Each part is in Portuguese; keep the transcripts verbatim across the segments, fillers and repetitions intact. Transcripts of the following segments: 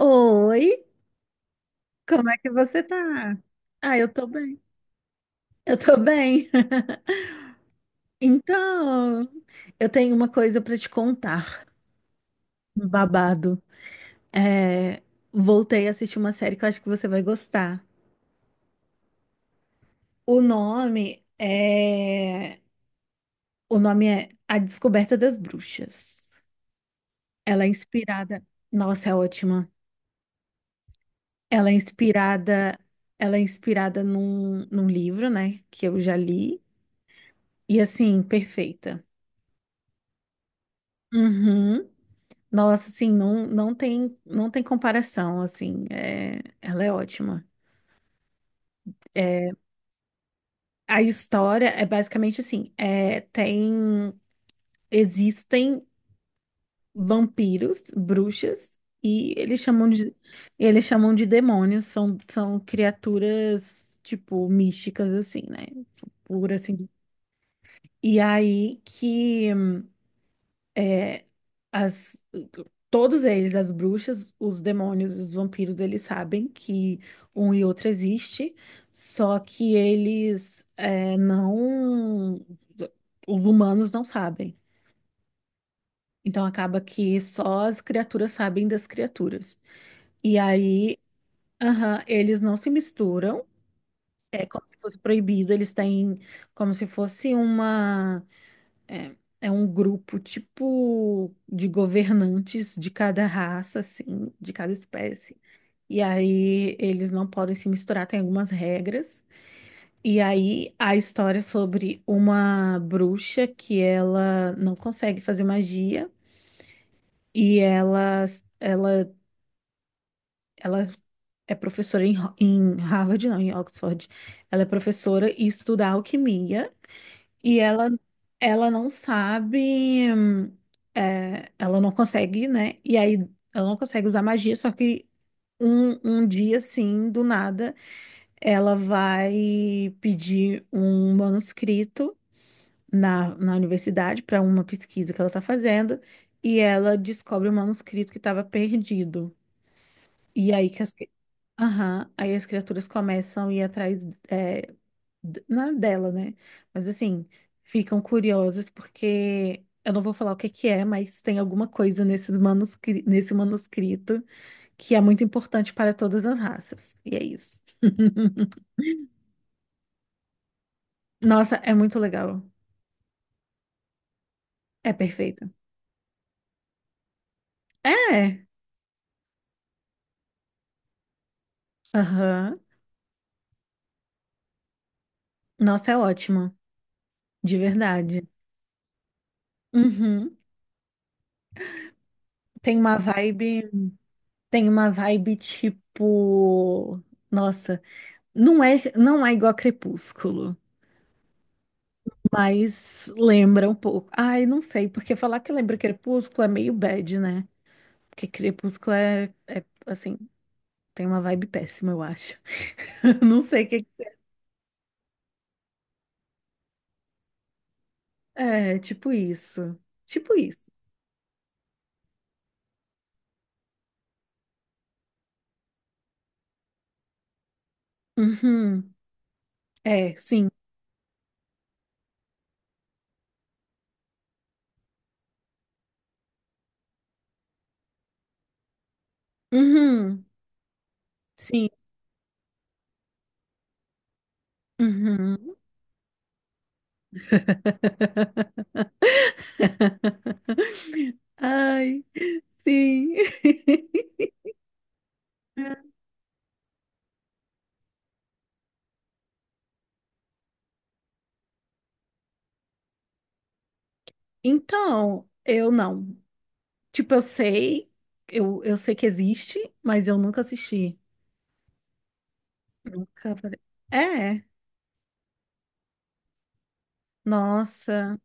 Oi, como é que você tá? Ah, eu tô bem. Eu tô bem. Então, eu tenho uma coisa pra te contar. Um Babado. É, voltei a assistir uma série que eu acho que você vai gostar. O nome é O nome é A Descoberta das Bruxas. Ela é inspirada. Nossa, é ótima. Ela é inspirada, ela é inspirada num, num livro, né, que eu já li. E assim, perfeita. Uhum. Nossa, assim, não, não tem, não tem comparação, assim, é, ela é ótima. É, a história é basicamente assim, é, tem, existem vampiros, bruxas, e eles chamam de, eles chamam de demônios, são, são criaturas, tipo, místicas, assim, né? Pura, assim. E aí que As, todos eles, as bruxas, os demônios, os vampiros, eles sabem que um e outro existe, só que eles é, não. Os humanos não sabem. Então acaba que só as criaturas sabem das criaturas. E aí, aham, eles não se misturam, é como se fosse proibido, eles têm como se fosse uma. É, é um grupo tipo de governantes de cada raça, assim, de cada espécie. E aí eles não podem se misturar, tem algumas regras. E aí a história é sobre uma bruxa que ela não consegue fazer magia e ela, ela, ela é professora em, Ho- em Harvard, não, em Oxford. Ela é professora e estuda alquimia. E ela, ela não sabe, hum, é, ela não consegue, né? E aí ela não consegue usar magia, só que um, um dia, assim, do nada, ela vai pedir um manuscrito na, na universidade para uma pesquisa que ela tá fazendo, e ela descobre o manuscrito que estava perdido. E aí que as, cri- aham, aí as criaturas começam a ir atrás, eh, d- na dela, né? Mas assim, ficam curiosas porque eu não vou falar o que que é, mas tem alguma coisa nesses manuscri nesse manuscrito que é muito importante para todas as raças. E é isso. Nossa, é muito legal. É perfeita. É. Aham. Nossa, é ótima, de verdade. Uhum. Tem uma vibe, tem uma vibe tipo, nossa, não é, não é igual a Crepúsculo. Mas lembra um pouco. Ai, não sei, porque falar que lembra Crepúsculo é meio bad, né? Porque Crepúsculo é, é, assim, tem uma vibe péssima, eu acho. Não sei o que. É, tipo isso. Tipo isso. Uhum. É, sim. Uhum. Sim. Uhum. Ai, sim. Então, eu não. Tipo, eu sei, eu, eu sei que existe, mas eu nunca assisti. Nunca falei. É, nossa.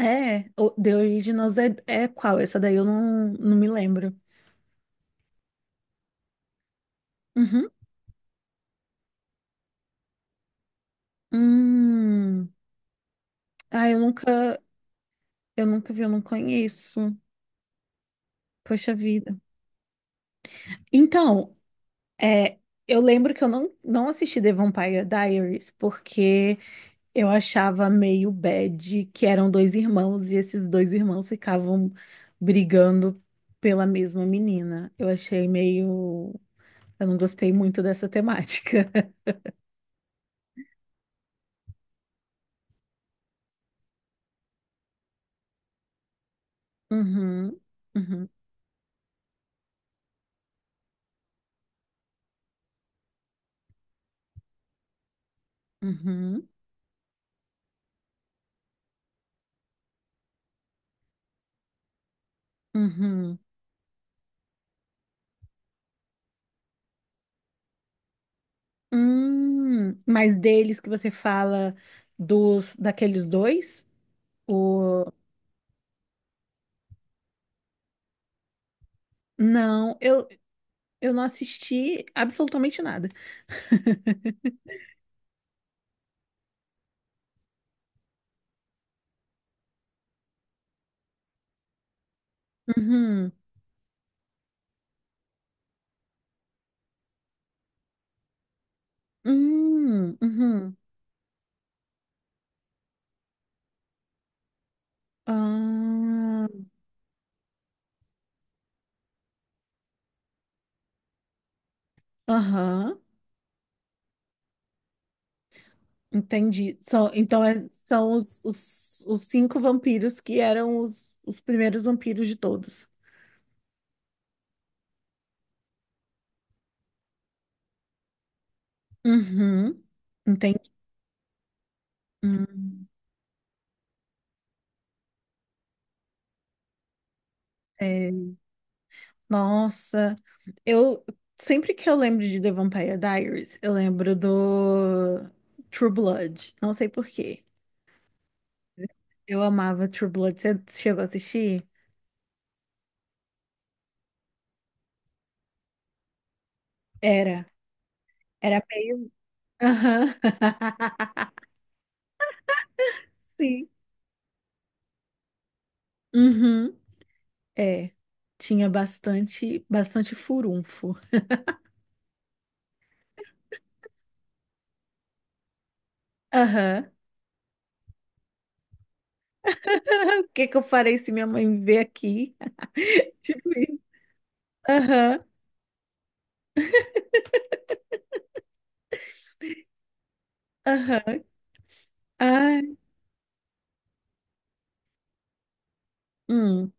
É, o The Originals é, é qual? Essa daí eu não, não me lembro. Uhum. Hum. Ah, eu nunca, eu nunca vi, eu não conheço. Poxa vida. Então, é, eu lembro que eu não, não assisti The Vampire Diaries porque eu achava meio bad que eram dois irmãos e esses dois irmãos ficavam brigando pela mesma menina. Eu achei meio. Eu não gostei muito dessa temática. Uhum, uhum, uhum, uhum. Hum, mas deles que você fala dos daqueles dois? O... Não, eu, eu não assisti absolutamente nada. Uhum, uhum, uhum. Ah, aham, entendi. São, então é- são os, os, os cinco vampiros que eram os, os primeiros vampiros de todos. Uhum, entendi. Hum. É, nossa, eu sempre que eu lembro de The Vampire Diaries, eu lembro do True Blood. Não sei por quê. Eu amava True Blood. Você chegou a assistir? Era. Era meio. Aham. Sim. Uhum. É. Tinha bastante, bastante furunfo. Aham. O que que eu farei se minha mãe me ver aqui? Tipo isso. Aham. Aham. Ai. Hum.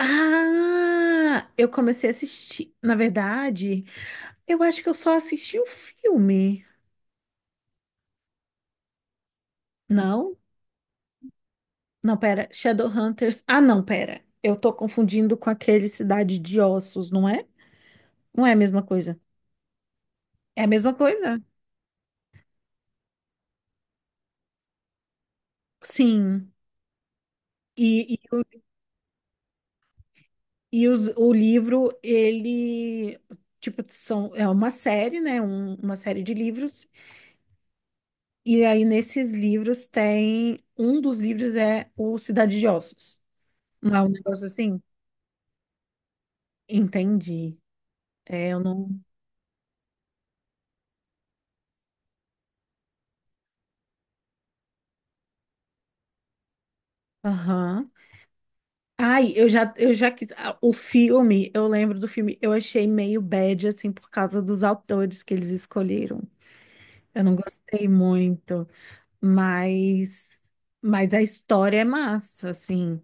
Ah, eu comecei a assistir. Na verdade, eu acho que eu só assisti o filme. Não? Não, pera. Shadowhunters. Ah, não, pera. Eu tô confundindo com aquele Cidade de Ossos, não é? Não é a mesma coisa. É a mesma coisa? Sim. E, e, o, e os- o livro, ele. Tipo, são, é uma série, né? Um- uma série de livros. E aí, nesses livros, tem. Um dos livros é o Cidade de Ossos. Não é um negócio assim? Entendi. É, eu não. Aham. Ai, eu já, eu já quis. ah, O filme, eu lembro do filme, eu achei meio bad, assim, por causa dos autores que eles escolheram. Eu não gostei muito, mas, mas a história é massa, assim.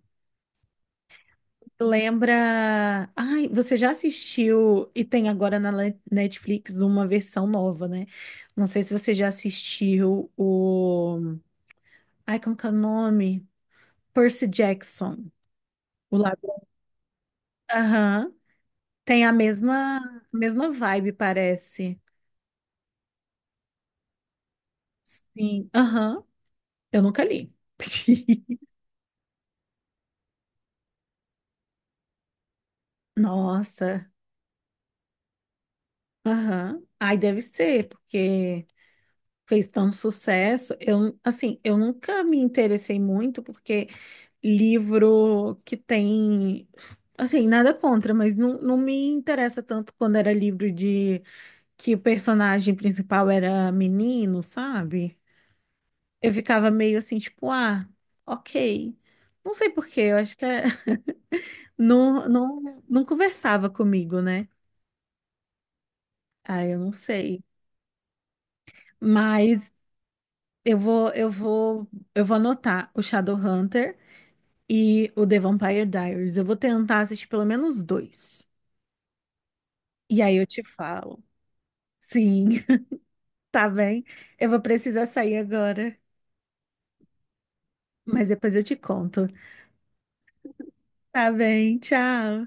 Lembra. Ai, você já assistiu, e tem agora na Le- Netflix uma versão nova, né? Não sei se você já assistiu o. Ai, como que é o nome? Percy Jackson. O Aham. Tem a mesma, a mesma vibe, parece. Sim. Aham. Eu nunca li. Nossa. Aham. Ai, deve ser, porque fez tanto sucesso. Eu, assim, eu nunca me interessei muito, porque livro que tem. Assim, nada contra, mas não, não me interessa tanto quando era livro de que o personagem principal era menino, sabe? Eu ficava meio assim, tipo, ah, ok. Não sei por quê, eu acho que é... não, não, não conversava comigo, né? Ah, eu não sei. Mas eu vou, eu vou, eu vou anotar o Shadowhunter e o The Vampire Diaries. Eu vou tentar assistir pelo menos dois. E aí eu te falo. Sim, tá bem. Eu vou precisar sair agora, mas depois eu te conto. Tá bem, tchau.